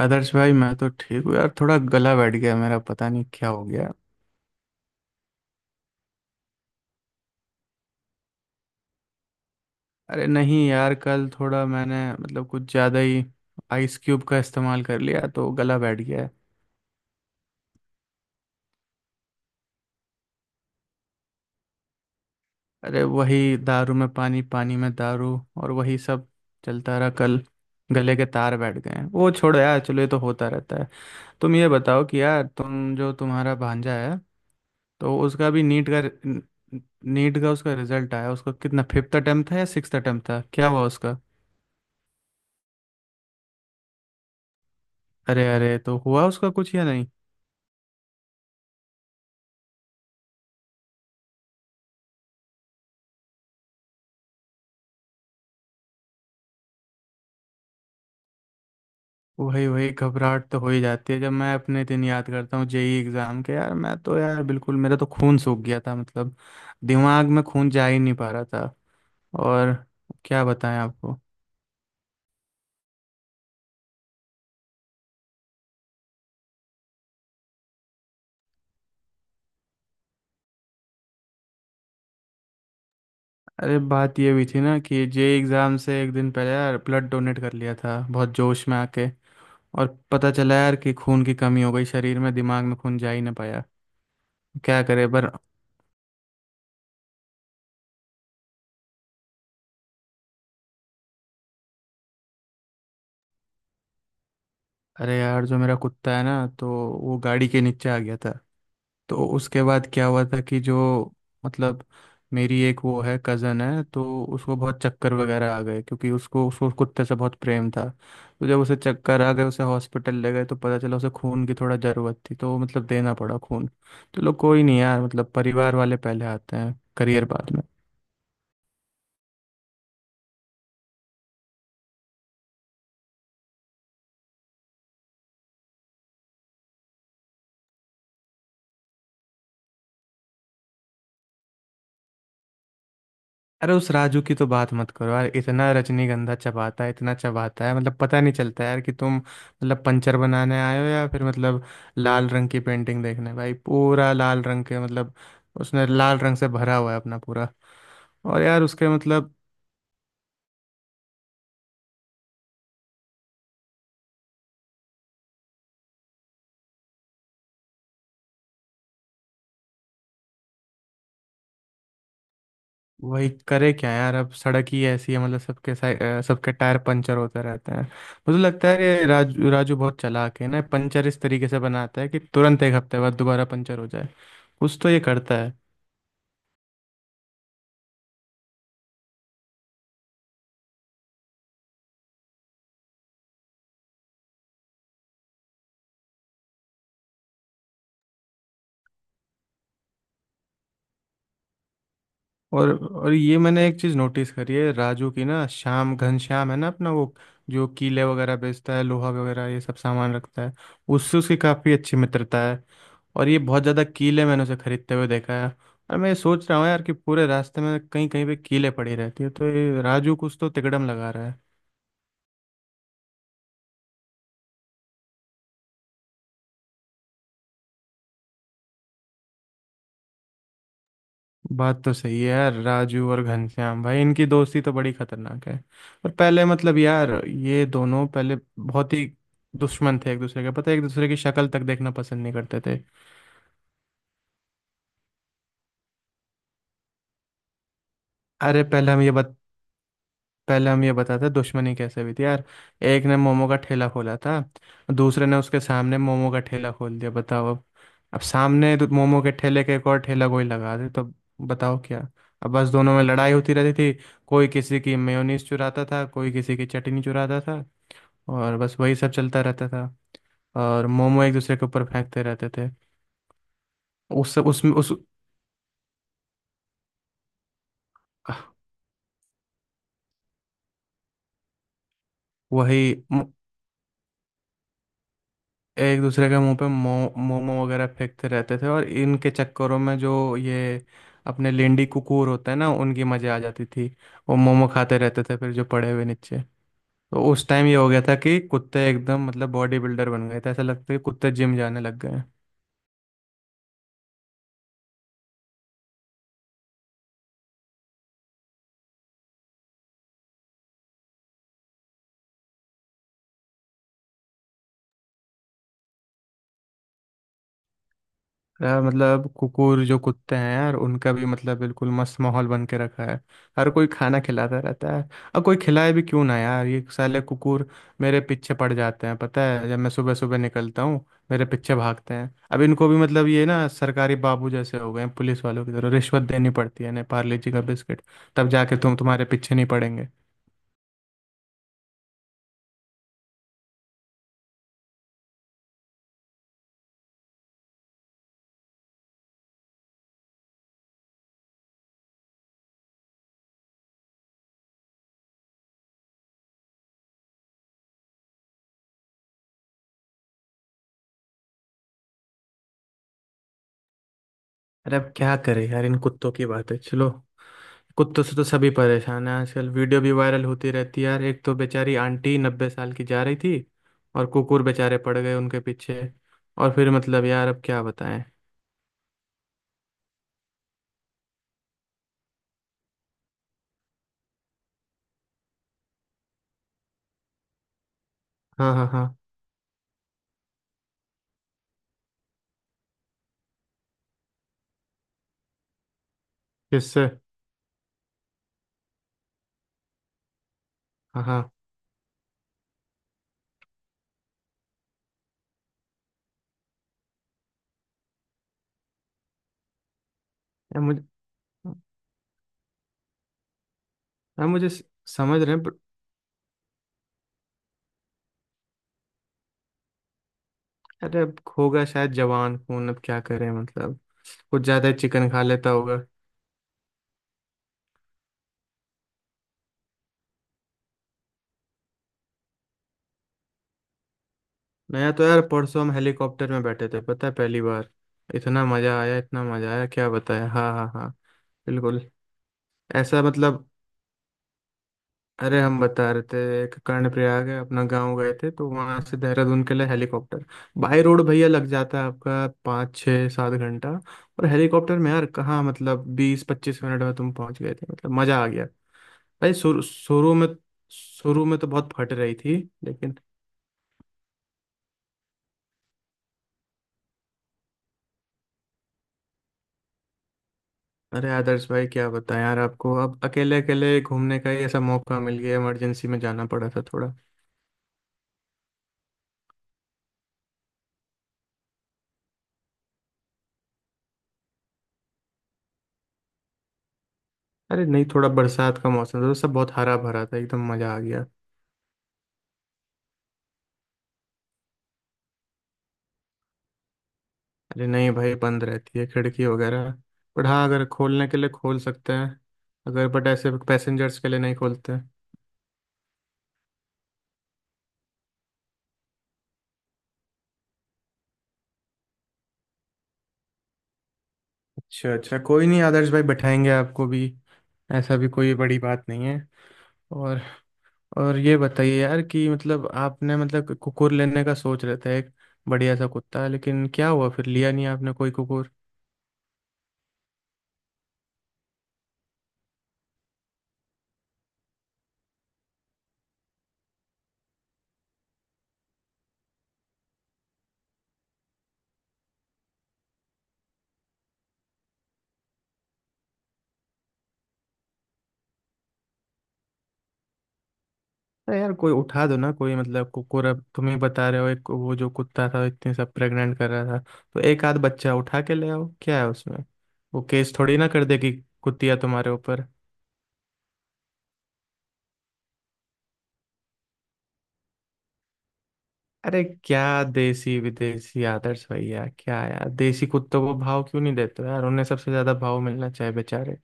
आदर्श भाई, मैं तो ठीक हूँ यार। थोड़ा गला बैठ गया मेरा, पता नहीं क्या हो गया। अरे नहीं यार, कल थोड़ा मैंने मतलब कुछ ज़्यादा ही आइस क्यूब का इस्तेमाल कर लिया तो गला बैठ गया है। अरे वही, दारू में पानी, पानी में दारू और वही सब चलता रहा कल। गले के तार बैठ गए हैं, वो छोड़ो यार। चलो, ये तो होता रहता है। तुम ये बताओ कि यार तुम जो तुम्हारा भांजा है, तो उसका भी नीट का, नीट का उसका रिजल्ट आया। उसका कितना फिफ्थ अटेम्प्ट था या सिक्स्थ अटेम्प्ट था, क्या हुआ उसका? अरे अरे, तो हुआ उसका कुछ या नहीं? वही वही घबराहट तो हो ही जाती है। जब मैं अपने दिन याद करता हूँ जेई एग्जाम के, यार मैं तो यार बिल्कुल, मेरा तो खून सूख गया था मतलब। दिमाग में खून जा ही नहीं पा रहा था। और क्या बताएं आपको। अरे, बात ये हुई थी ना कि जेई एग्जाम से एक दिन पहले यार ब्लड डोनेट कर लिया था बहुत जोश में आके। और पता चला यार कि खून की कमी हो गई शरीर में, दिमाग में खून जा ही ना पाया। क्या करे पर। अरे यार, जो मेरा कुत्ता है ना, तो वो गाड़ी के नीचे आ गया था। तो उसके बाद क्या हुआ था कि जो मतलब, मेरी एक वो है, कज़न है, तो उसको बहुत चक्कर वगैरह आ गए क्योंकि उसको उसको उस कुत्ते से बहुत प्रेम था। तो जब उसे चक्कर आ गए, उसे हॉस्पिटल ले गए तो पता चला उसे खून की थोड़ा ज़रूरत थी, तो मतलब देना पड़ा खून। चलो कोई नहीं यार, मतलब परिवार वाले पहले आते हैं, करियर बाद में। अरे उस राजू की तो बात मत करो यार। इतना रजनीगंधा चबाता है, इतना चबाता है, मतलब पता नहीं चलता यार कि तुम मतलब पंचर बनाने आए हो या फिर मतलब लाल रंग की पेंटिंग देखने। भाई पूरा लाल रंग के मतलब, उसने लाल रंग से भरा हुआ है अपना पूरा। और यार उसके मतलब, वही करे क्या यार। अब सड़क ही ऐसी है मतलब सबके टायर पंचर होते रहते हैं। मुझे लगता है ये राजू, राजू बहुत चालाक है ना। पंचर इस तरीके से बनाता है कि तुरंत एक हफ्ते बाद दोबारा पंचर हो जाए। कुछ तो ये करता है। और और ये मैंने एक चीज़ नोटिस करी है राजू की ना, श्याम घनश्याम है ना अपना वो, जो कीले वगैरह बेचता है, लोहा वगैरह ये सब सामान रखता है, उससे उसकी काफ़ी अच्छी मित्रता है। और ये बहुत ज़्यादा कीले मैंने उसे खरीदते हुए देखा है। और मैं ये सोच रहा हूँ यार कि पूरे रास्ते में कहीं कहीं पे कीले पड़ी रहती है, तो ये राजू कुछ तो तिकड़म लगा रहा है। बात तो सही है यार, राजू और घनश्याम भाई इनकी दोस्ती तो बड़ी खतरनाक है। और पहले मतलब यार, ये दोनों पहले बहुत ही दुश्मन थे एक दूसरे के। पता है एक दूसरे की शक्ल तक देखना पसंद नहीं करते थे। अरे पहले हम ये बत, पहले हम ये बताते हैं दुश्मनी कैसे हुई थी यार। एक ने मोमो का ठेला खोला था। दूसरे ने उसके सामने मोमो का ठेला खोल दिया, बताओ अब। अब सामने तो मोमो के ठेले के एक और ठेला कोई लगा दे तो बताओ क्या। अब बस दोनों में लड़ाई होती रहती थी। कोई किसी की मेयोनीज चुराता था, कोई किसी की चटनी चुराता था। और बस वही सब चलता रहता था। और मोमो एक दूसरे के ऊपर फेंकते रहते थे। उस वही, एक दूसरे के मुंह पे मोमो वगैरह फेंकते रहते थे। और इनके चक्करों में जो ये अपने लेंडी कुकूर होते हैं ना, उनकी मजे आ जाती थी। वो मोमो खाते रहते थे फिर जो पड़े हुए नीचे। तो उस टाइम ये हो गया था कि कुत्ते एकदम मतलब बॉडी बिल्डर बन गए थे। ऐसा लगता है कि कुत्ते जिम जाने लग गए। यार मतलब कुकुर, जो कुत्ते हैं यार, उनका भी मतलब बिल्कुल मस्त माहौल बन के रखा है। हर कोई खाना खिलाता रहता है। और कोई खिलाए भी क्यों ना यार। ये साले कुकुर मेरे पीछे पड़ जाते हैं, पता है जब मैं सुबह सुबह निकलता हूँ, मेरे पीछे भागते हैं। अब इनको भी मतलब, ये ना सरकारी बाबू जैसे हो गए हैं, पुलिस वालों की तरह रिश्वत देनी पड़ती है ना, पार्ले जी का बिस्किट, तब जाके तुम्हारे पीछे नहीं पड़ेंगे। अरे अब क्या करें यार, इन कुत्तों की बात है चलो। कुत्तों से तो सभी परेशान है। आजकल वीडियो भी वायरल होती रहती है यार। एक तो बेचारी आंटी 90 साल की जा रही थी, और कुकुर बेचारे पड़ गए उनके पीछे। और फिर मतलब यार अब क्या बताएं। हाँ हाँ हाँ। किससे? हाँ हाँ। यार मुझे, समझ रहे हैं but। अरे अब होगा शायद जवान खून, अब क्या करें मतलब। कुछ ज्यादा ही चिकन खा लेता होगा। नया तो यार परसों हम हेलीकॉप्टर में बैठे थे, पता है, पहली बार। इतना मजा आया, इतना मजा आया, क्या बताया। हाँ हाँ हाँ। बिल्कुल। ऐसा मतलब, अरे हम बता रहे थे। एक कर्णप्रयाग है अपना गांव, गए थे तो वहां से देहरादून के लिए हेलीकॉप्टर। बाय रोड भैया लग जाता है आपका 5, 6, 7 घंटा, और हेलीकॉप्टर में यार कहाँ, मतलब 20-25 मिनट में तुम पहुंच गए थे, मतलब मजा आ गया। भाई शुरू शुरू में, तो बहुत फट रही थी लेकिन। अरे आदर्श भाई क्या बताएं यार आपको, अब अकेले अकेले घूमने का ही ऐसा मौका मिल गया, इमरजेंसी में जाना पड़ा था थोड़ा। अरे नहीं, थोड़ा बरसात का मौसम था तो सब बहुत हरा भरा था, एकदम मजा आ गया। अरे नहीं भाई, बंद रहती है खिड़की वगैरह। बट हाँ, अगर खोलने के लिए खोल सकते हैं। अगर बट ऐसे पैसेंजर्स के लिए नहीं खोलते। अच्छा अच्छा, कोई नहीं आदर्श भाई, बैठाएंगे आपको भी। ऐसा भी कोई बड़ी बात नहीं है। और और ये बताइए यार कि मतलब आपने मतलब कुकुर लेने का सोच रहे थे, एक बढ़िया सा कुत्ता, लेकिन क्या हुआ फिर, लिया नहीं आपने कोई कुकुर। अरे यार कोई उठा दो ना कोई, मतलब कुकुर। अब तुम्हें बता रहे हो, एक वो जो कुत्ता था इतने सब प्रेग्नेंट कर रहा था, तो एक आध बच्चा उठा के ले आओ, क्या है उसमें। वो केस थोड़ी ना कर देगी कुतिया तुम्हारे ऊपर। अरे क्या देसी विदेशी, आदर्श भैया क्या यार, देसी कुत्तों को भाव क्यों नहीं देते हो यार, उन्हें सबसे ज्यादा भाव मिलना चाहिए बेचारे।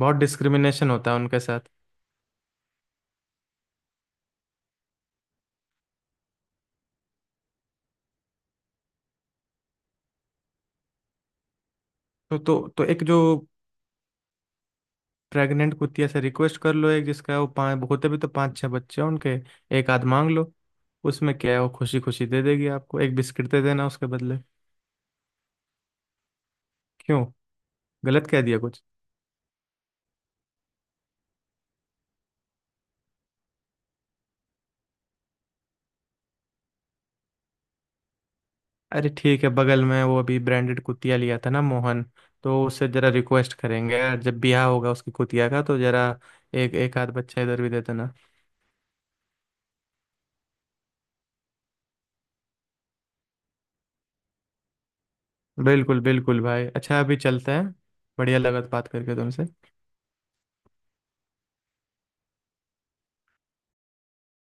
बहुत डिस्क्रिमिनेशन होता है उनके साथ। तो एक जो प्रेग्नेंट कुतिया से रिक्वेस्ट कर लो, एक जिसका वो पाँच होते भी, तो 5, 6 बच्चे हैं उनके, एक आध मांग लो, उसमें क्या है। वो खुशी खुशी दे देगी आपको, एक बिस्किट दे देना उसके बदले। क्यों, गलत कह दिया कुछ? अरे ठीक है, बगल में वो अभी ब्रांडेड कुतिया लिया था ना मोहन, तो उससे जरा रिक्वेस्ट करेंगे यार, जब ब्याह होगा उसकी कुतिया का, तो जरा एक एक आध बच्चा इधर भी दे देना। बिल्कुल बिल्कुल भाई, अच्छा अभी चलते हैं, बढ़िया लगा तो बात करके तुमसे।